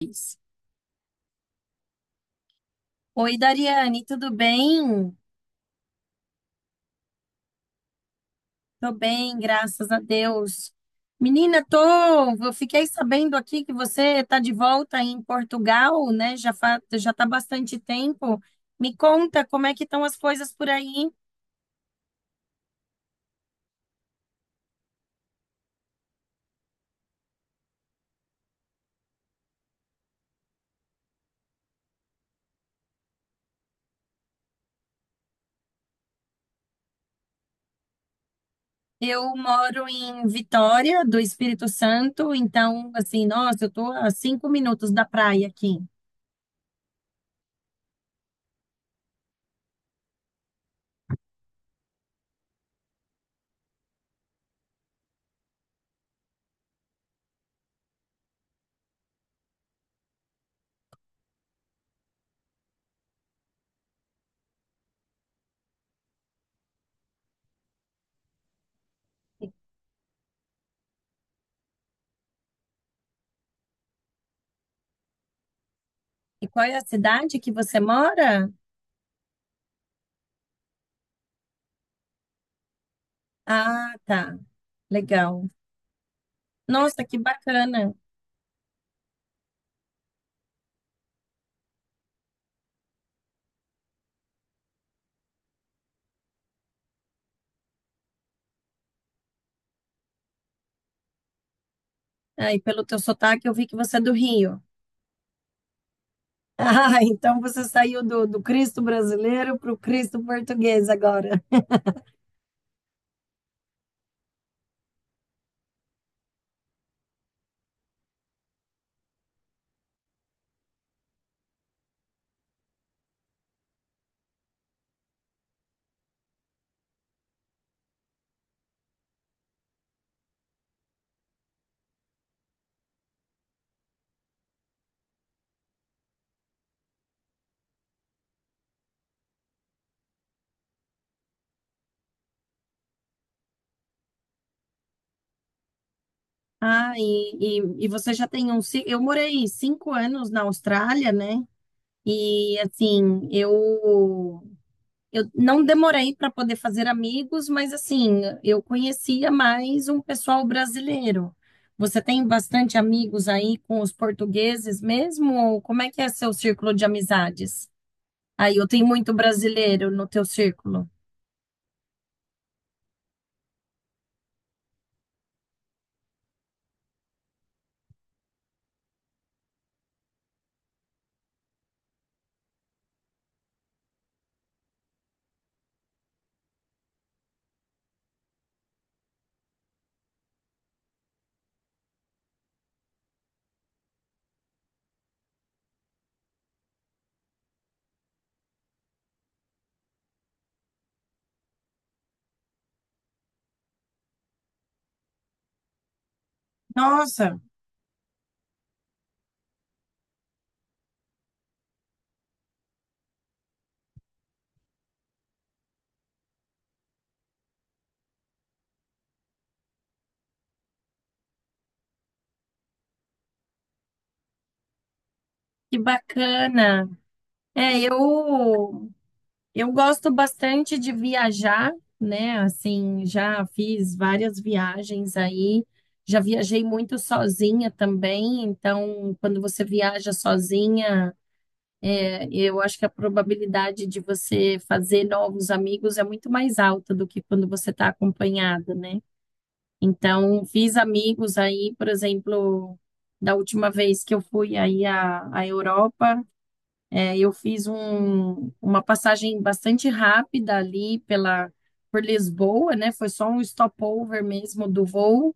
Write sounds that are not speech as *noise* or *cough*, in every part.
Isso. Oi, Dariane, tudo bem? Tô bem, graças a Deus. Menina, eu fiquei sabendo aqui que você tá de volta em Portugal, né? Já tá bastante tempo. Me conta como é que estão as coisas por aí. Eu moro em Vitória, do Espírito Santo, então, assim, nossa, eu tô a 5 minutos da praia aqui. E qual é a cidade que você mora? Ah, tá, legal. Nossa, que bacana. Ah, e pelo teu sotaque, eu vi que você é do Rio. *laughs* Ah, então você saiu do Cristo brasileiro para o Cristo português agora. Ah, e você já tem um. Ci- Eu morei 5 anos na Austrália, né? E assim, eu não demorei para poder fazer amigos, mas assim, eu conhecia mais um pessoal brasileiro. Você tem bastante amigos aí com os portugueses mesmo? Ou como é que é seu círculo de amizades? Aí eu tenho muito brasileiro no teu círculo. Nossa, que bacana. É, eu gosto bastante de viajar, né? Assim, já fiz várias viagens aí. Já viajei muito sozinha também, então quando você viaja sozinha, eu acho que a probabilidade de você fazer novos amigos é muito mais alta do que quando você está acompanhada, né? Então, fiz amigos aí, por exemplo, da última vez que eu fui aí à Europa, eu fiz uma passagem bastante rápida ali por Lisboa, né? Foi só um stopover mesmo do voo.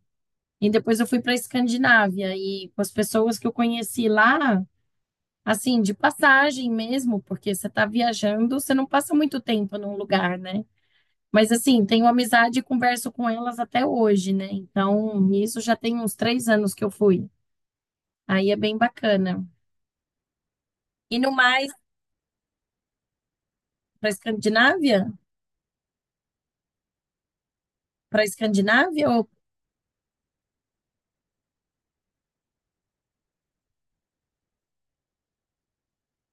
E depois eu fui para a Escandinávia e com as pessoas que eu conheci lá, assim, de passagem mesmo, porque você está viajando, você não passa muito tempo num lugar, né? Mas assim, tenho amizade e converso com elas até hoje, né? Então, isso já tem uns 3 anos que eu fui. Aí é bem bacana. E no mais, para Escandinávia? Para Escandinávia? Eu,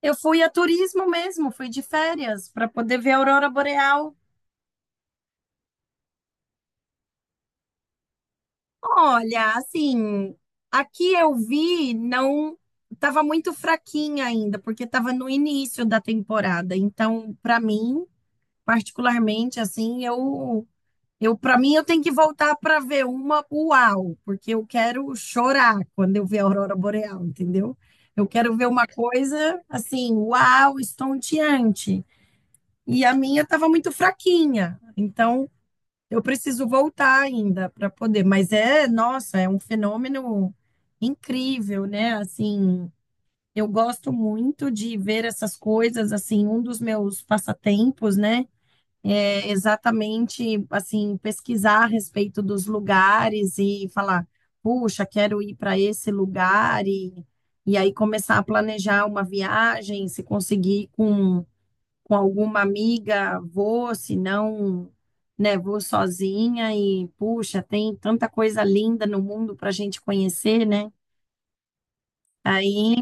eu fui a turismo mesmo, fui de férias para poder ver a aurora boreal. Olha, assim, aqui eu vi, não estava muito fraquinha ainda, porque estava no início da temporada. Então, para mim, particularmente, assim, para mim, eu tenho que voltar para ver uma uau, porque eu quero chorar quando eu ver a aurora boreal, entendeu? Eu quero ver uma coisa assim, uau, estonteante. E a minha estava muito fraquinha, então eu preciso voltar ainda para poder. Mas é, nossa, é um fenômeno incrível, né? Assim, eu gosto muito de ver essas coisas. Assim, um dos meus passatempos, né? Exatamente assim pesquisar a respeito dos lugares e falar, puxa, quero ir para esse lugar e aí começar a planejar uma viagem, se conseguir com alguma amiga, vou, se não, né, vou sozinha e puxa, tem tanta coisa linda no mundo para a gente conhecer, né? Aí,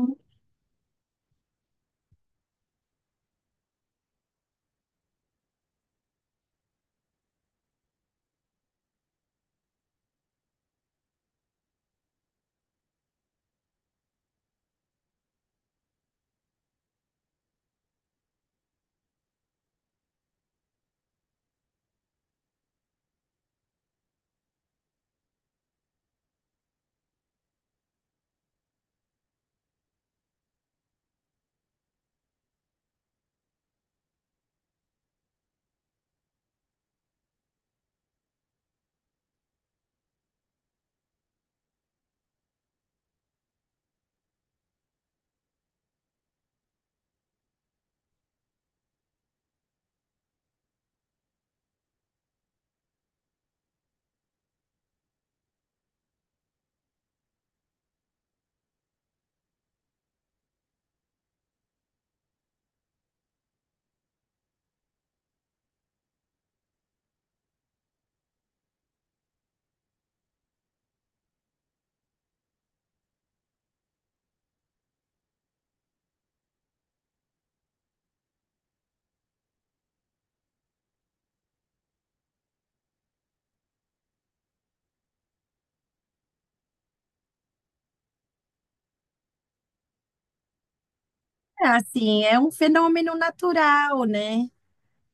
é assim, é um fenômeno natural, né?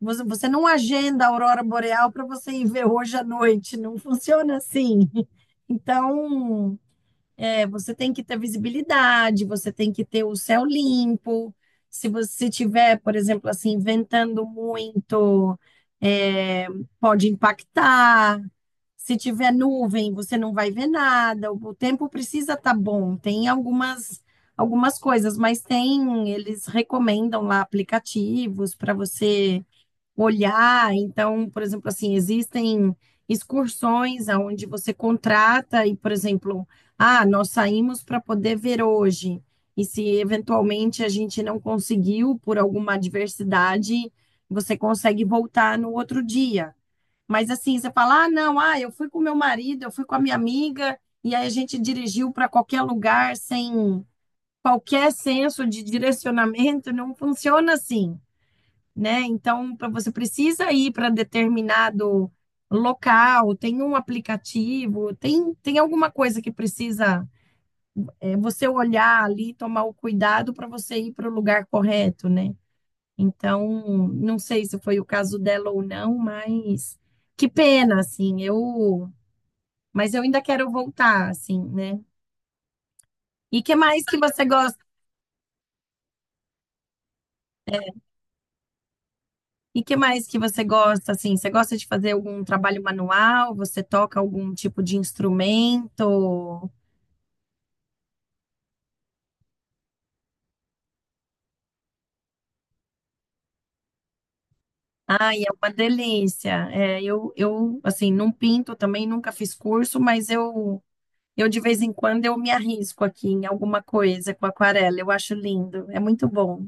Você não agenda a aurora boreal para você ir ver hoje à noite, não funciona assim. Então, você tem que ter visibilidade, você tem que ter o céu limpo. Se você tiver, por exemplo, assim, ventando muito, é, pode impactar. Se tiver nuvem, você não vai ver nada. O tempo precisa estar bom. Tem algumas coisas, mas tem, eles recomendam lá aplicativos para você olhar. Então, por exemplo, assim, existem excursões aonde você contrata e, por exemplo, ah, nós saímos para poder ver hoje. E se eventualmente a gente não conseguiu por alguma adversidade, você consegue voltar no outro dia. Mas assim, você fala, ah, não, ah, eu fui com meu marido, eu fui com a minha amiga, e aí a gente dirigiu para qualquer lugar sem qualquer senso de direcionamento, não funciona assim, né? Então, você precisa ir para determinado local, tem um aplicativo, tem alguma coisa que precisa, você olhar ali, tomar o cuidado para você ir para o lugar correto, né? Então, não sei se foi o caso dela ou não, mas que pena, assim, mas eu ainda quero voltar, assim, né? E que mais que você gosta? E que mais que você gosta, assim? Você gosta de fazer algum trabalho manual? Você toca algum tipo de instrumento? Ai, é uma delícia. É, assim, não pinto também, nunca fiz curso, mas eu de vez em quando eu me arrisco aqui em alguma coisa com aquarela. Eu acho lindo, é muito bom.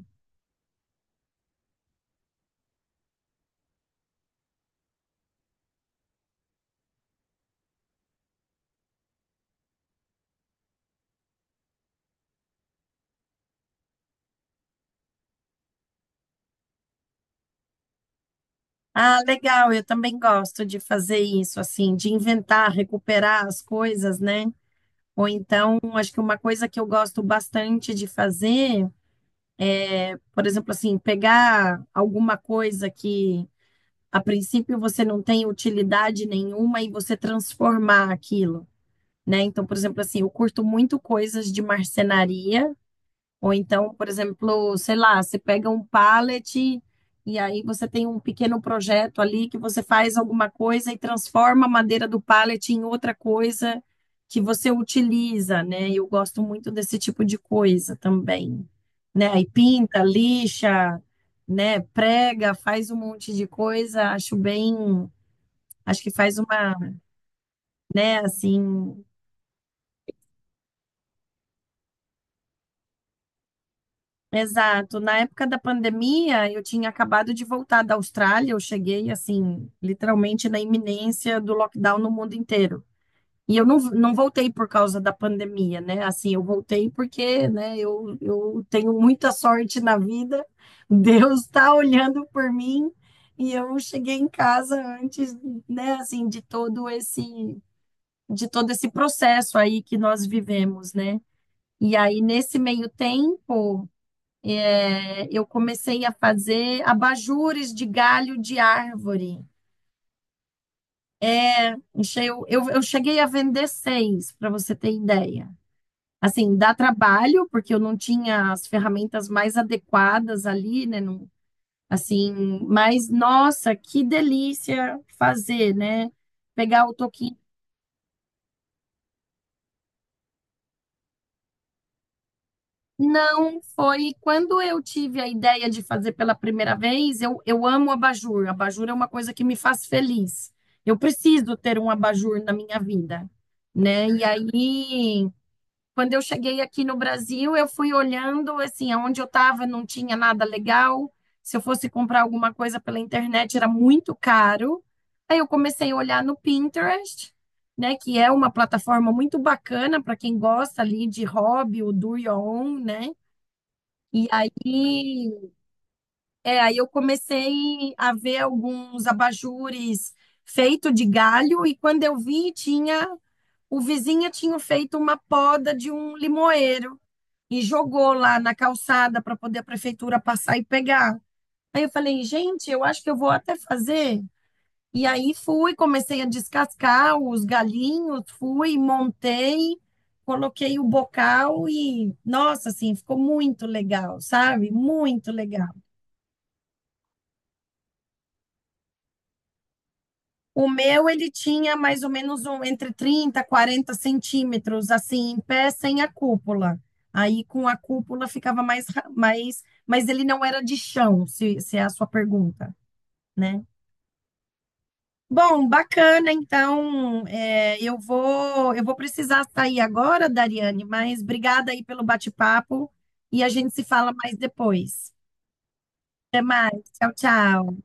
Ah, legal, eu também gosto de fazer isso, assim, de inventar, recuperar as coisas, né? Ou então, acho que uma coisa que eu gosto bastante de fazer. Por exemplo, assim, pegar alguma coisa que a princípio você não tem utilidade nenhuma e você transformar aquilo, né? Então, por exemplo, assim, eu curto muito coisas de marcenaria ou então, por exemplo, sei lá, você pega um pallet e aí você tem um pequeno projeto ali que você faz alguma coisa e transforma a madeira do pallet em outra coisa que você utiliza, né? Eu gosto muito desse tipo de coisa também, né? Aí pinta, lixa, né? Prega, faz um monte de coisa, acho bem, acho que faz uma, né, assim. Exato. Na época da pandemia, eu tinha acabado de voltar da Austrália, eu cheguei assim, literalmente na iminência do lockdown no mundo inteiro. E eu não voltei por causa da pandemia, né? Assim, eu voltei porque, né, eu tenho muita sorte na vida, *laughs* Deus está olhando por mim e eu cheguei em casa antes, né, assim, de todo esse processo aí que nós vivemos, né? E aí, nesse meio tempo, eu comecei a fazer abajures de galho de árvore. Eu cheguei a vender seis, para você ter ideia. Assim, dá trabalho, porque eu não tinha as ferramentas mais adequadas ali, né? Assim, mas nossa, que delícia fazer, né? Pegar o toquinho. Não, foi quando eu tive a ideia de fazer pela primeira vez. Eu amo abajur. Abajur é uma coisa que me faz feliz. Eu preciso ter um abajur na minha vida, né? E aí, quando eu cheguei aqui no Brasil, eu fui olhando, assim, aonde eu estava não tinha nada legal. Se eu fosse comprar alguma coisa pela internet, era muito caro. Aí eu comecei a olhar no Pinterest, né? Que é uma plataforma muito bacana para quem gosta ali de hobby, o do your own, né? E aí, aí eu comecei a ver alguns abajures feito de galho e quando eu vi, tinha o vizinho tinha feito uma poda de um limoeiro e jogou lá na calçada para poder a prefeitura passar e pegar. Aí eu falei, gente, eu acho que eu vou até fazer. E aí fui, comecei a descascar os galinhos, fui, montei, coloquei o bocal e, nossa, assim, ficou muito legal, sabe? Muito legal. O meu, ele tinha mais ou menos entre 30 40 centímetros, assim, em pé, sem a cúpula. Aí, com a cúpula, ficava mais, mais. Mas ele não era de chão, se é a sua pergunta, né? Bom, bacana, então, eu vou precisar sair agora, Dariane, mas obrigada aí pelo bate-papo e a gente se fala mais depois. Até mais, tchau, tchau.